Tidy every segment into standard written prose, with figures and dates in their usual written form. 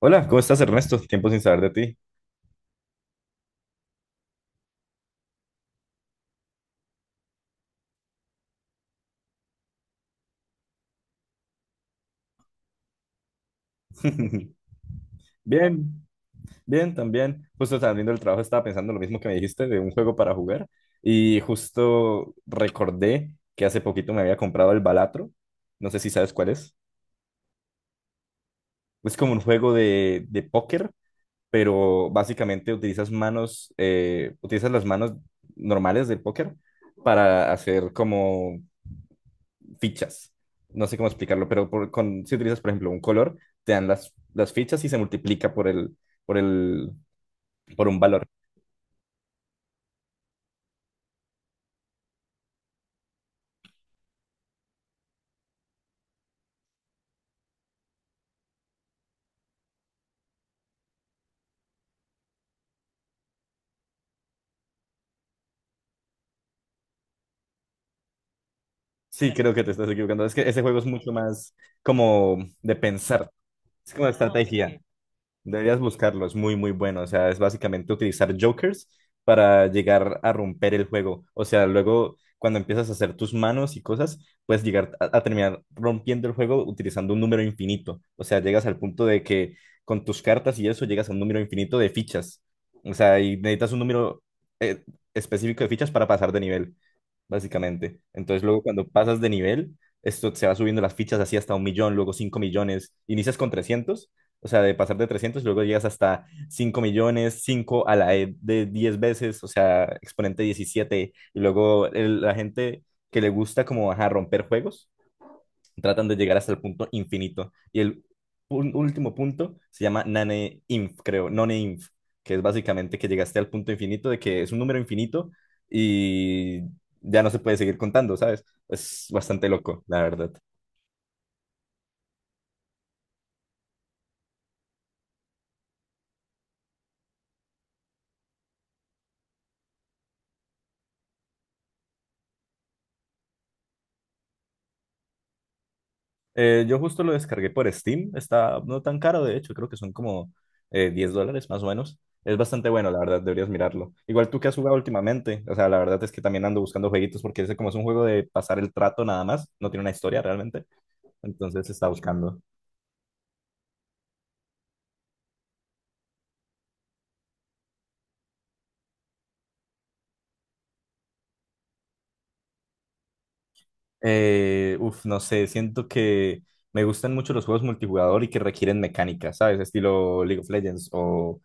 Hola, ¿cómo estás, Ernesto? Tiempo sin saber de ti. Bien, bien, también. Justo saliendo del trabajo estaba pensando lo mismo que me dijiste de un juego para jugar y justo recordé que hace poquito me había comprado el Balatro. No sé si sabes cuál es. Es como un juego de póker, pero básicamente utilizas manos, utilizas las manos normales del póker para hacer como fichas. No sé cómo explicarlo, pero si utilizas, por ejemplo, un color, te dan las fichas y se multiplica por el, por un valor. Sí, creo que te estás equivocando. Es que ese juego es mucho más como de pensar. Es como... Ah, ok. Estrategia. Deberías buscarlo, es muy, muy bueno. O sea, es básicamente utilizar jokers para llegar a romper el juego. O sea, luego cuando empiezas a hacer tus manos y cosas, puedes llegar a terminar rompiendo el juego utilizando un número infinito. O sea, llegas al punto de que con tus cartas y eso llegas a un número infinito de fichas. O sea, y necesitas un número eh, específico de fichas para pasar de nivel básicamente. Entonces, luego cuando pasas de nivel, esto se va subiendo las fichas así hasta 1.000.000, luego 5.000.000. Inicias con 300, o sea, de pasar de 300 luego llegas hasta 5.000.000, cinco a la E de 10 veces, o sea, exponente 17. Y luego la gente que le gusta como, ajá, romper juegos, tratan de llegar hasta el punto infinito. Y el último punto se llama Nane Inf, creo, None Inf, que es básicamente que llegaste al punto infinito de que es un número infinito y ya no se puede seguir contando, ¿sabes? Es bastante loco, la verdad. Yo justo lo descargué por Steam, está no tan caro, de hecho, creo que son como $10 más o menos. Es bastante bueno, la verdad, deberías mirarlo. Igual tú que has jugado últimamente, o sea, la verdad es que también ando buscando jueguitos porque ese como es un juego de pasar el trato nada más, no tiene una historia realmente. Entonces se está buscando. No sé, siento que me gustan mucho los juegos multijugador y que requieren mecánica, ¿sabes? Estilo League of Legends o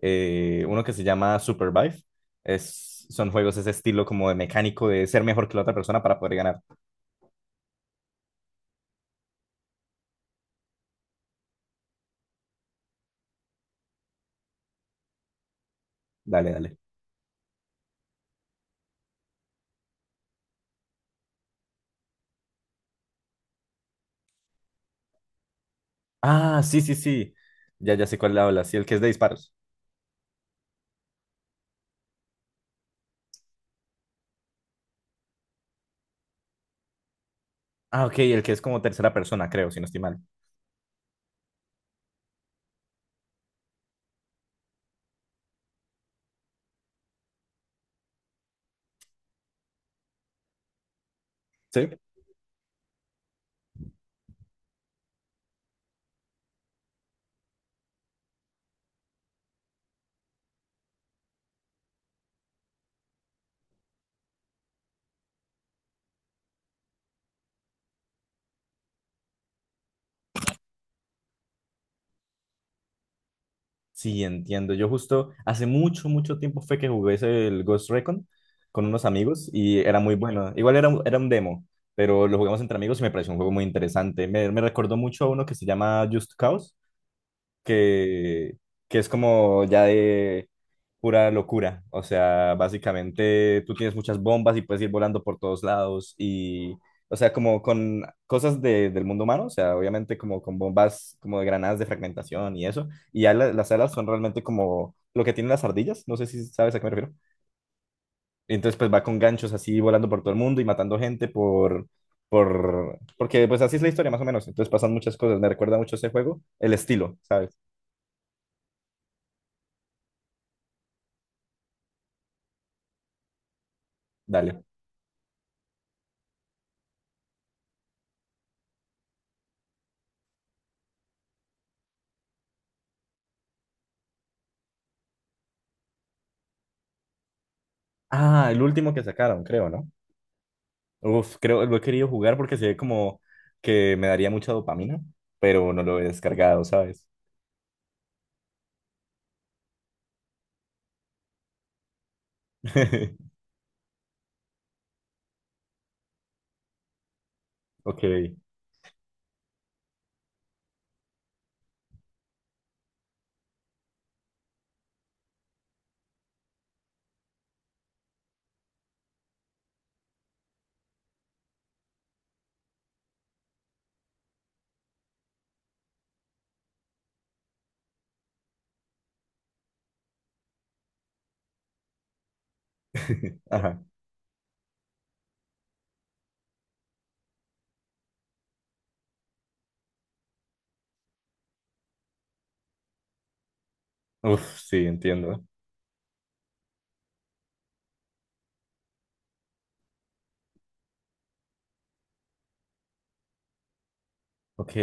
uno que se llama Supervive. Son juegos ese estilo como de mecánico, de ser mejor que la otra persona para poder ganar. Dale, dale. Ah, sí, sí, sí. Ya, ya sé cuál habla. Sí, el que es de disparos. Ah, ok, el que es como tercera persona, creo, si no estoy mal. Sí. Sí, entiendo. Yo justo hace mucho, mucho tiempo fue que jugué el Ghost Recon con unos amigos y era muy bueno. Igual era un demo, pero lo jugamos entre amigos y me pareció un juego muy interesante. Me recordó mucho a uno que se llama Just Cause, que, que es como ya de pura locura. O sea, básicamente tú tienes muchas bombas y puedes ir volando por todos lados y, o sea, como con cosas del mundo humano, o sea, obviamente como con bombas como de granadas de fragmentación y eso. Y ya las alas son realmente como lo que tienen las ardillas, no sé si sabes a qué me refiero. Entonces, pues va con ganchos así volando por todo el mundo y matando gente por... Por... Porque pues así es la historia más o menos. Entonces pasan muchas cosas. Me recuerda mucho ese juego. El estilo, ¿sabes? Dale. Ah, el último que sacaron, creo, ¿no? Uf, creo, lo he querido jugar porque se ve como que me daría mucha dopamina, pero no lo he descargado, ¿sabes? Ok. Ajá. Uf, sí, entiendo. Ok.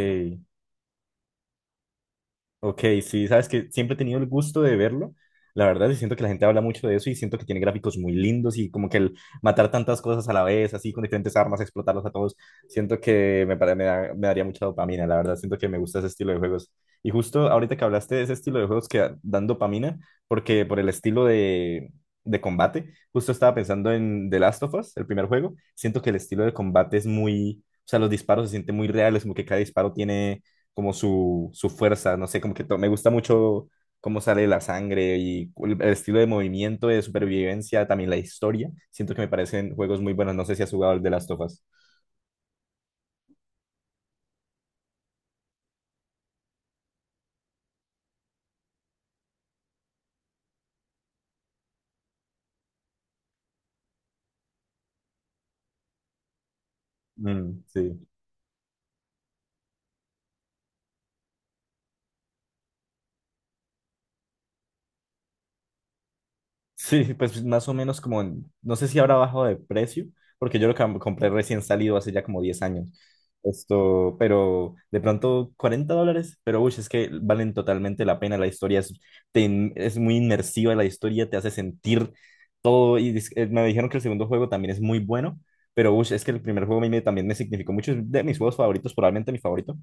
Ok, sí, sabes que siempre he tenido el gusto de verlo. La verdad, y siento que la gente habla mucho de eso y siento que tiene gráficos muy lindos y como que el matar tantas cosas a la vez, así con diferentes armas, explotarlos a todos, siento que me, pare- me, da- me daría mucha dopamina. La verdad, siento que me gusta ese estilo de juegos. Y justo ahorita que hablaste de ese estilo de juegos que dan dopamina, porque por el estilo de combate, justo estaba pensando en The Last of Us, el primer juego. Siento que el estilo de combate es muy, o sea, los disparos se sienten muy reales, como que cada disparo tiene como su fuerza, no sé, como que me gusta mucho cómo sale la sangre y estilo de movimiento, de supervivencia, también la historia. Siento que me parecen juegos muy buenos, no sé si has jugado el de las tofas. Mm, sí. Sí, pues más o menos como, no sé si habrá bajado de precio, porque yo lo compré recién salido hace ya como 10 años. Esto, pero de pronto $40, pero uy, es que valen totalmente la pena. La historia es, es muy inmersiva, la historia te hace sentir todo y me dijeron que el segundo juego también es muy bueno, pero ush, es que el primer juego a también me significó mucho, es de mis juegos favoritos, probablemente mi favorito.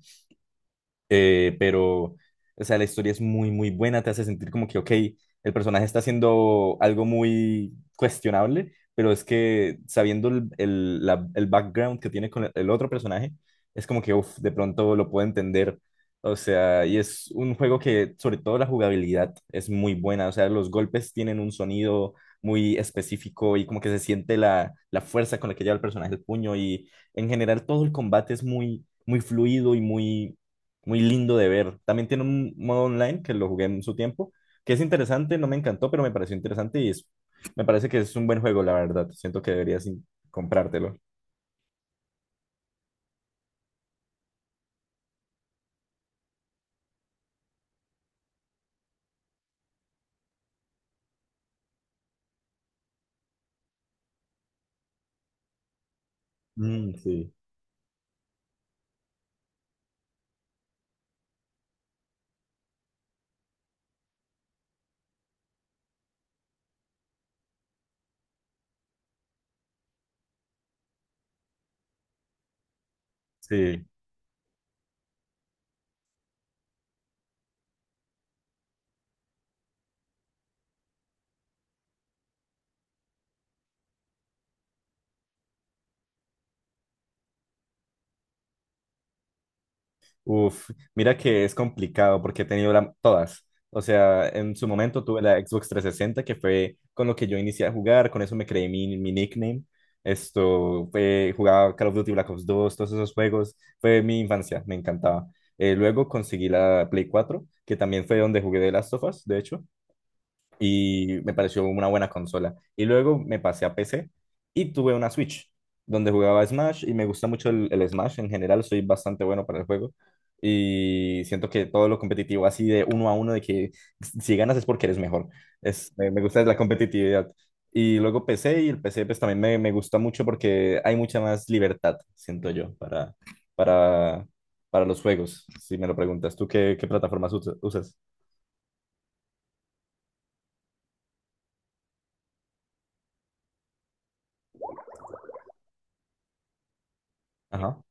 Eh, pero, o sea, la historia es muy, muy buena, te hace sentir como que, ok, el personaje está haciendo algo muy cuestionable, pero es que sabiendo el background que tiene con el otro personaje, es como que, uff, de pronto lo puedo entender. O sea, y es un juego que, sobre todo la jugabilidad, es muy buena. O sea, los golpes tienen un sonido muy específico y como que se siente la fuerza con la que lleva el personaje el puño y en general todo el combate es muy, muy fluido y muy muy lindo de ver. También tiene un modo online que lo jugué en su tiempo, que es interesante, no me encantó, pero me pareció interesante y es, me parece que es un buen juego, la verdad. Siento que deberías comprártelo. Mm, sí, sí. Uf, mira que es complicado porque he tenido todas. O sea, en su momento tuve la Xbox 360, que fue con lo que yo inicié a jugar, con eso me creé mi nickname. Esto, jugaba Call of Duty Black Ops 2, todos esos juegos. Fue mi infancia, me encantaba. Luego conseguí la Play 4, que también fue donde jugué de Last of Us, de hecho, y me pareció una buena consola. Y luego me pasé a PC y tuve una Switch donde jugaba Smash y me gusta mucho el Smash en general, soy bastante bueno para el juego y siento que todo lo competitivo así de uno a uno, de que si ganas es porque eres mejor, me gusta la competitividad. Y luego PC, y el PC pues también me gusta mucho porque hay mucha más libertad, siento yo, para, para los juegos, si me lo preguntas. ¿Tú qué plataformas usas? Ajá,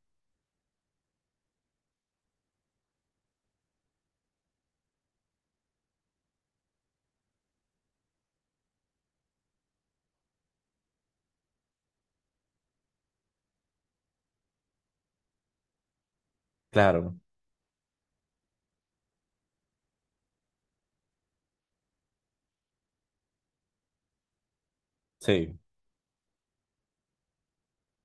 claro, sí.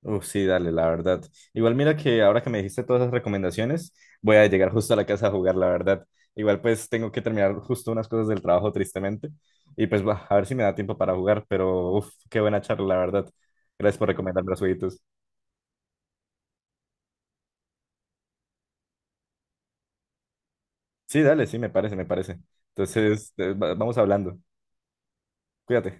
Uf, sí, dale, la verdad. Igual mira que ahora que me dijiste todas esas recomendaciones, voy a llegar justo a la casa a jugar, la verdad. Igual pues tengo que terminar justo unas cosas del trabajo, tristemente. Y pues va, a ver si me da tiempo para jugar, pero uf, qué buena charla, la verdad. Gracias por recomendarme los jueguitos. Sí, dale, sí, me parece, me parece. Entonces, vamos hablando. Cuídate.